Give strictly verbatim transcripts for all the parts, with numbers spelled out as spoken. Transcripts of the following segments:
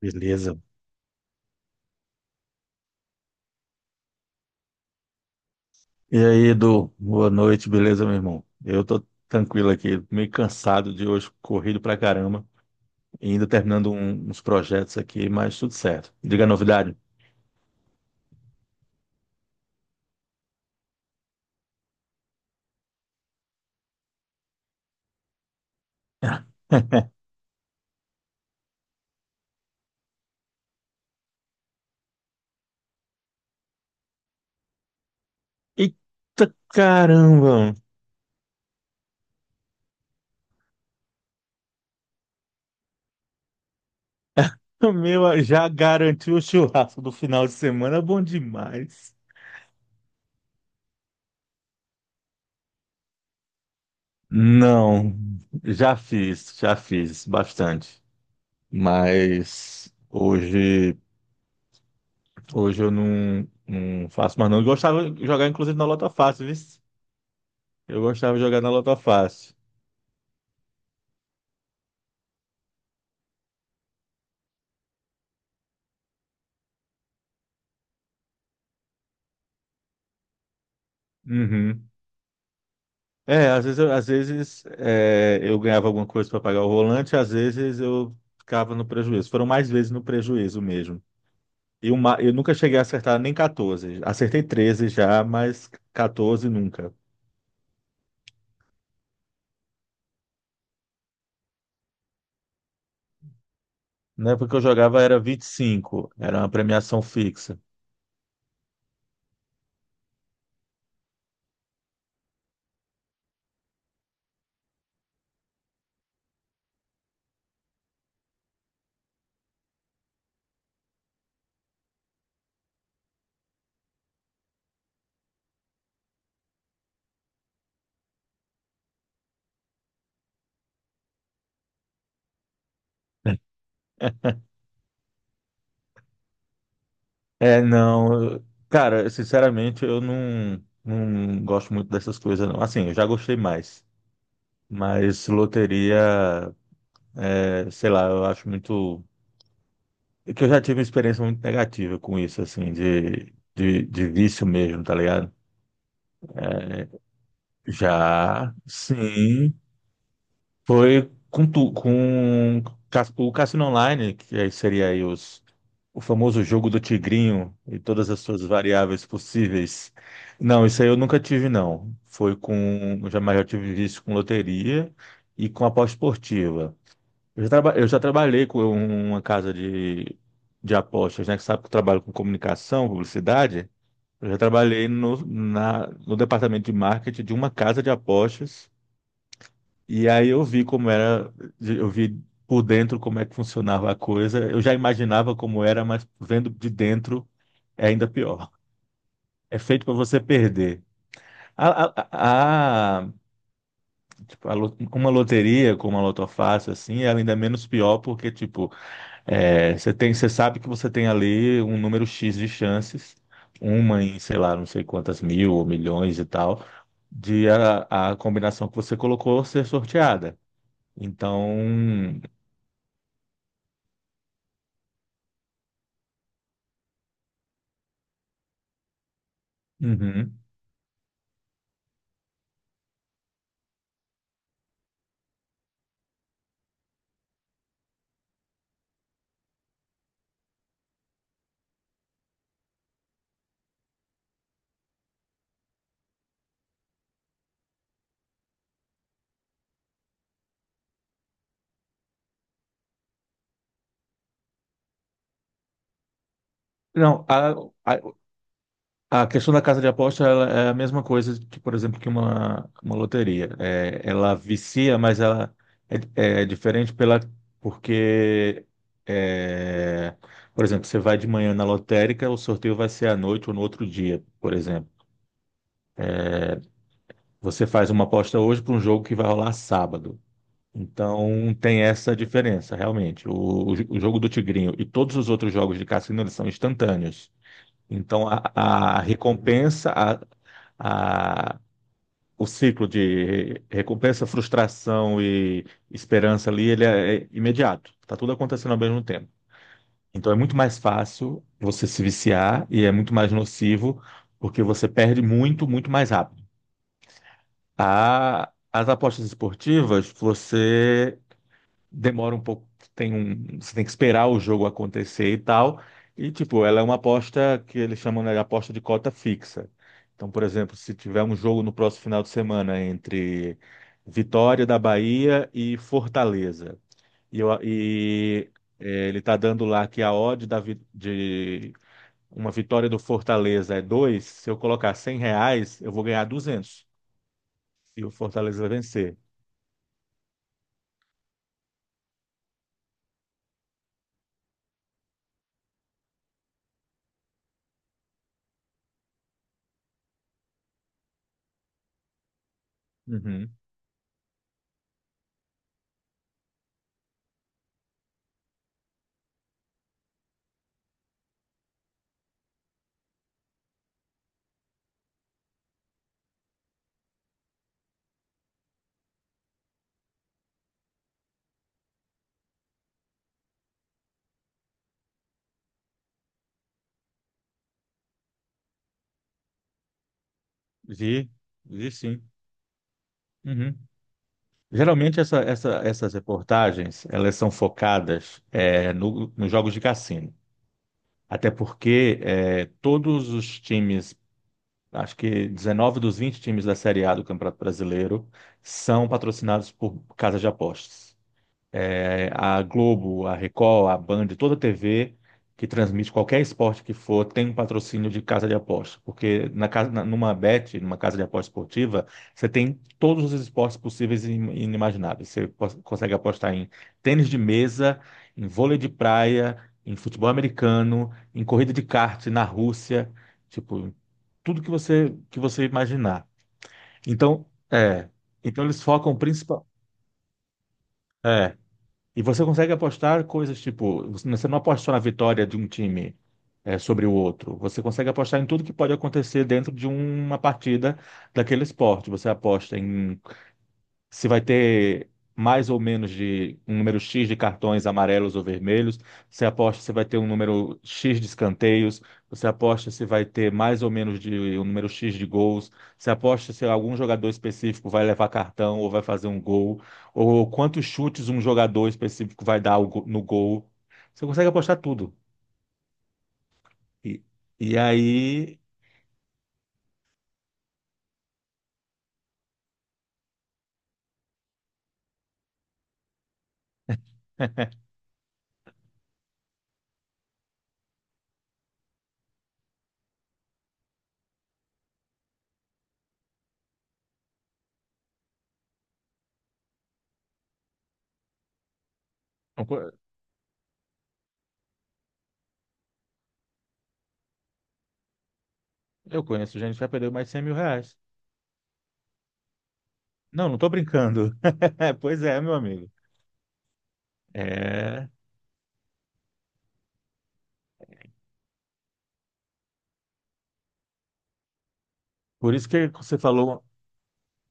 Beleza. E aí, Edu, boa noite, beleza, meu irmão? Eu tô tranquilo aqui, meio cansado de hoje, corrido pra caramba, e ainda terminando um- uns projetos aqui, mas tudo certo. Diga a novidade. Eita caramba! Meu, já garantiu o churrasco do final de semana, bom demais. Não, já fiz, já fiz bastante, mas hoje, hoje eu não, não faço mais não. Eu gostava de jogar, inclusive, na Lota Fácil, viu? Eu gostava de jogar na Lota Fácil. Uhum. É, às vezes, eu- às vezes é, eu ganhava alguma coisa para pagar o volante, às vezes eu ficava no prejuízo. Foram mais vezes no prejuízo mesmo. E uma, eu nunca cheguei a acertar nem quatorze. Acertei treze já, mas quatorze nunca. Na época que eu jogava era vinte e cinco. Era uma premiação fixa. É, não. eu- Cara, sinceramente, eu não, não gosto muito dessas coisas, não. Assim, eu já gostei mais. Mas loteria. É, sei lá, eu acho muito. É que eu já tive uma experiência muito negativa com isso, assim, de, de, de vício mesmo, tá ligado? Já, sim, foi com, tu, com cas- o Cassino Online, que aí seria aí os, o famoso jogo do tigrinho e todas as suas variáveis possíveis. Não, isso aí eu nunca tive, não. Foi com, eu jamais eu tive vício com loteria e com aposta esportiva. Eu já, traba- eu já trabalhei com uma casa de, de apostas, né? Que sabe que eu trabalho com comunicação, publicidade. Eu já trabalhei no, na, no departamento de marketing de uma casa de apostas. E aí eu vi como era, eu vi por dentro como é que funcionava a coisa. Eu já imaginava como era, mas vendo de dentro é ainda pior. É feito para você perder. A, a, a- tipo, a lo- uma loteria com uma lotofácil, assim, é ainda menos pior porque, tipo, é, você tem, você sabe que você tem ali um número X de chances, uma em, sei lá, não sei quantas mil ou milhões e tal, de a, a combinação que você colocou ser sorteada. Então, uhum. Não, a questão da casa de aposta ela é a mesma coisa, que, por exemplo, que uma, uma loteria. É, ela vicia, mas ela é, é diferente pela, porque, é, por exemplo, você vai de manhã na lotérica, o sorteio vai ser à noite ou no outro dia, por exemplo. Você faz uma aposta hoje para um jogo que vai rolar sábado. Então tem essa diferença, realmente. O, o, o jogo do Tigrinho e todos os outros jogos de cassino, eles são instantâneos. Então a, a recompensa, a, a o ciclo de recompensa, frustração e esperança ali, ele é é imediato. Tá tudo acontecendo ao mesmo tempo. Então é muito mais fácil você se viciar e é muito mais nocivo porque você perde muito, muito mais rápido. A- as apostas esportivas, você demora um pouco, tem um, você tem que esperar o jogo acontecer e tal. E, tipo, ela é uma aposta que eles chamam, né, de aposta de cota fixa. Então, por exemplo, se tiver um jogo no próximo final de semana entre Vitória da Bahia e Fortaleza, e, eu- e, eh, ele tá dando lá que a odd da, vi- de uma vitória do Fortaleza é dois. Se eu colocar cem reais, eu vou ganhar duzentos e o Fortaleza vai vencer. Uhum. Vi, vi sim. Uhum. Geralmente essa- essa- essas reportagens elas são focadas é, no- nos jogos de cassino. Até porque é, todos os times, acho que dezenove dos vinte times da Série A do Campeonato Brasileiro são patrocinados por casas de apostas é, A Globo, a Record, a Band, toda T V que transmite qualquer esporte que for tem um patrocínio de casa de aposta, porque na casa, na- numa bet, numa casa de aposta esportiva, você tem todos os esportes possíveis e im- inimagináveis. Você pos- consegue apostar em tênis de mesa, em vôlei de praia, em futebol americano, em corrida de kart na Rússia, tipo, tudo que você que você imaginar. Então, é, então eles focam principal é, e você consegue apostar coisas tipo, você você não aposta só na vitória de um time é, sobre o outro. Você consegue apostar em tudo que pode acontecer dentro de uma partida daquele esporte. Você aposta em se vai ter mais ou menos de um número X de cartões amarelos ou vermelhos, você aposta se vai ter um número X de escanteios, você aposta se vai ter mais ou menos de um número X de gols, você aposta se algum jogador específico vai levar cartão ou vai fazer um gol, ou quantos chutes um jogador específico vai dar ao go- no gol. Você consegue apostar tudo. E, e aí, eu co- eu conheço gente que já perdeu mais de cem mil reais. Não, não tô brincando. Pois é, meu amigo. É. Por isso que você falou,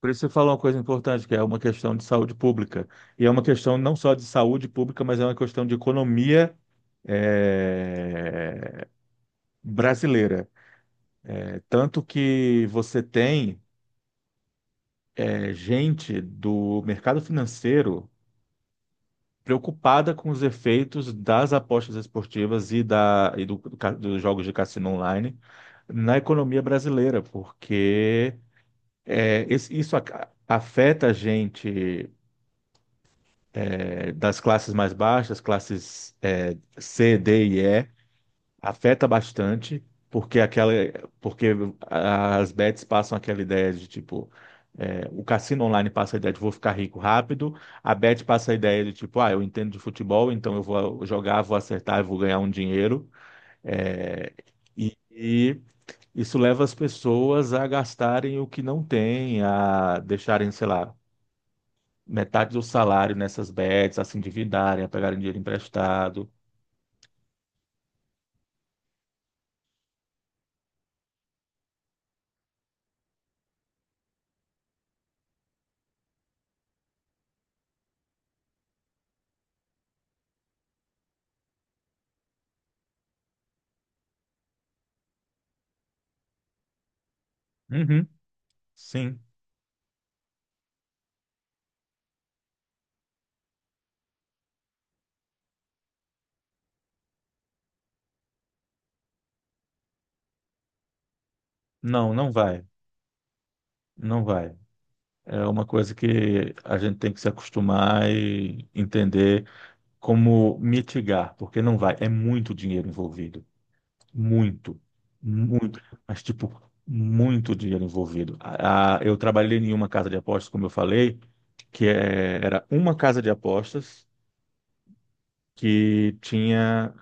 por isso que você falou uma coisa importante, que é uma questão de saúde pública. E é uma questão não só de saúde pública, mas é uma questão de economia eh, brasileira. Eh, tanto que você tem eh, gente do mercado financeiro preocupada com os efeitos das apostas esportivas e, da, e do- do ca- dos jogos de cassino online na economia brasileira, porque eh, esse- isso a- afeta a gente eh, das classes mais baixas, classes eh, C, D e E, afeta bastante, porque aquela, porque as bets passam aquela ideia de tipo, eh, o cassino online passa a ideia de vou ficar rico rápido, a bet passa a ideia de tipo, ah, eu entendo de futebol, então eu vou jogar, vou acertar, eu vou ganhar um dinheiro, eh, e e isso leva as pessoas a gastarem o que não têm, a deixarem, sei lá, metade do salário nessas bets, a se endividarem, a pegarem dinheiro emprestado. Uhum, sim. Não, não vai. Não vai. É uma coisa que a gente tem que se acostumar e entender como mitigar, porque não vai. É muito dinheiro envolvido. Muito. Muito. Mas, tipo, muito dinheiro envolvido. A- a- eu trabalhei em uma casa de apostas, como eu falei, que é- era uma casa de apostas que tinha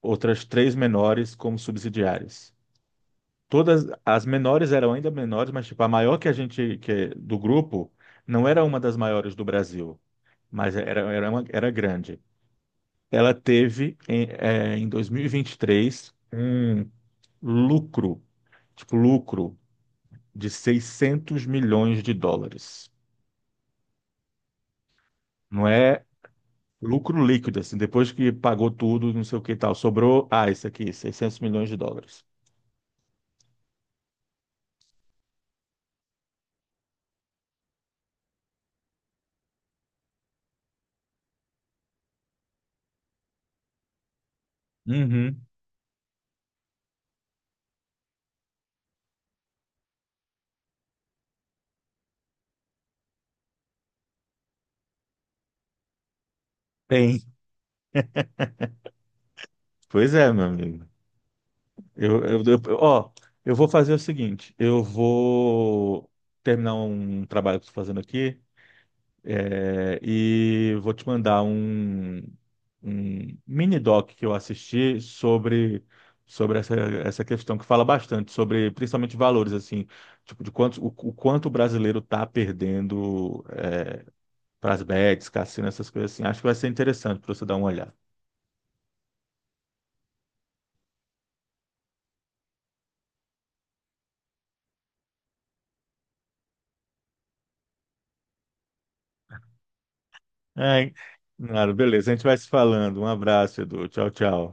outras três menores como subsidiárias. Todas as menores eram ainda menores, mas tipo a maior que a gente que é do grupo não era uma das maiores do Brasil, mas era era uma, era grande. Ela teve em, eh, em dois mil e vinte e três um lucro, tipo lucro de seiscentos milhões de dólares. Não é lucro líquido assim, depois que pagou tudo, não sei o que e tal, sobrou, ah, isso aqui, seiscentos milhões de dólares. Uhum. Tem. Pois é, meu amigo. Eu, eu, eu- ó, eu vou fazer o seguinte: eu vou terminar um trabalho que estou fazendo aqui, é, e vou te mandar um, um mini doc que eu assisti sobre, sobre essa, essa questão que fala bastante sobre, principalmente valores assim, tipo de quanto o, o quanto o brasileiro está perdendo para as bets, cassino, essas coisas assim. Acho que vai ser interessante para você dar uma olhada. Ai, claro, beleza. A gente vai se falando. Um abraço, Edu. Tchau, tchau.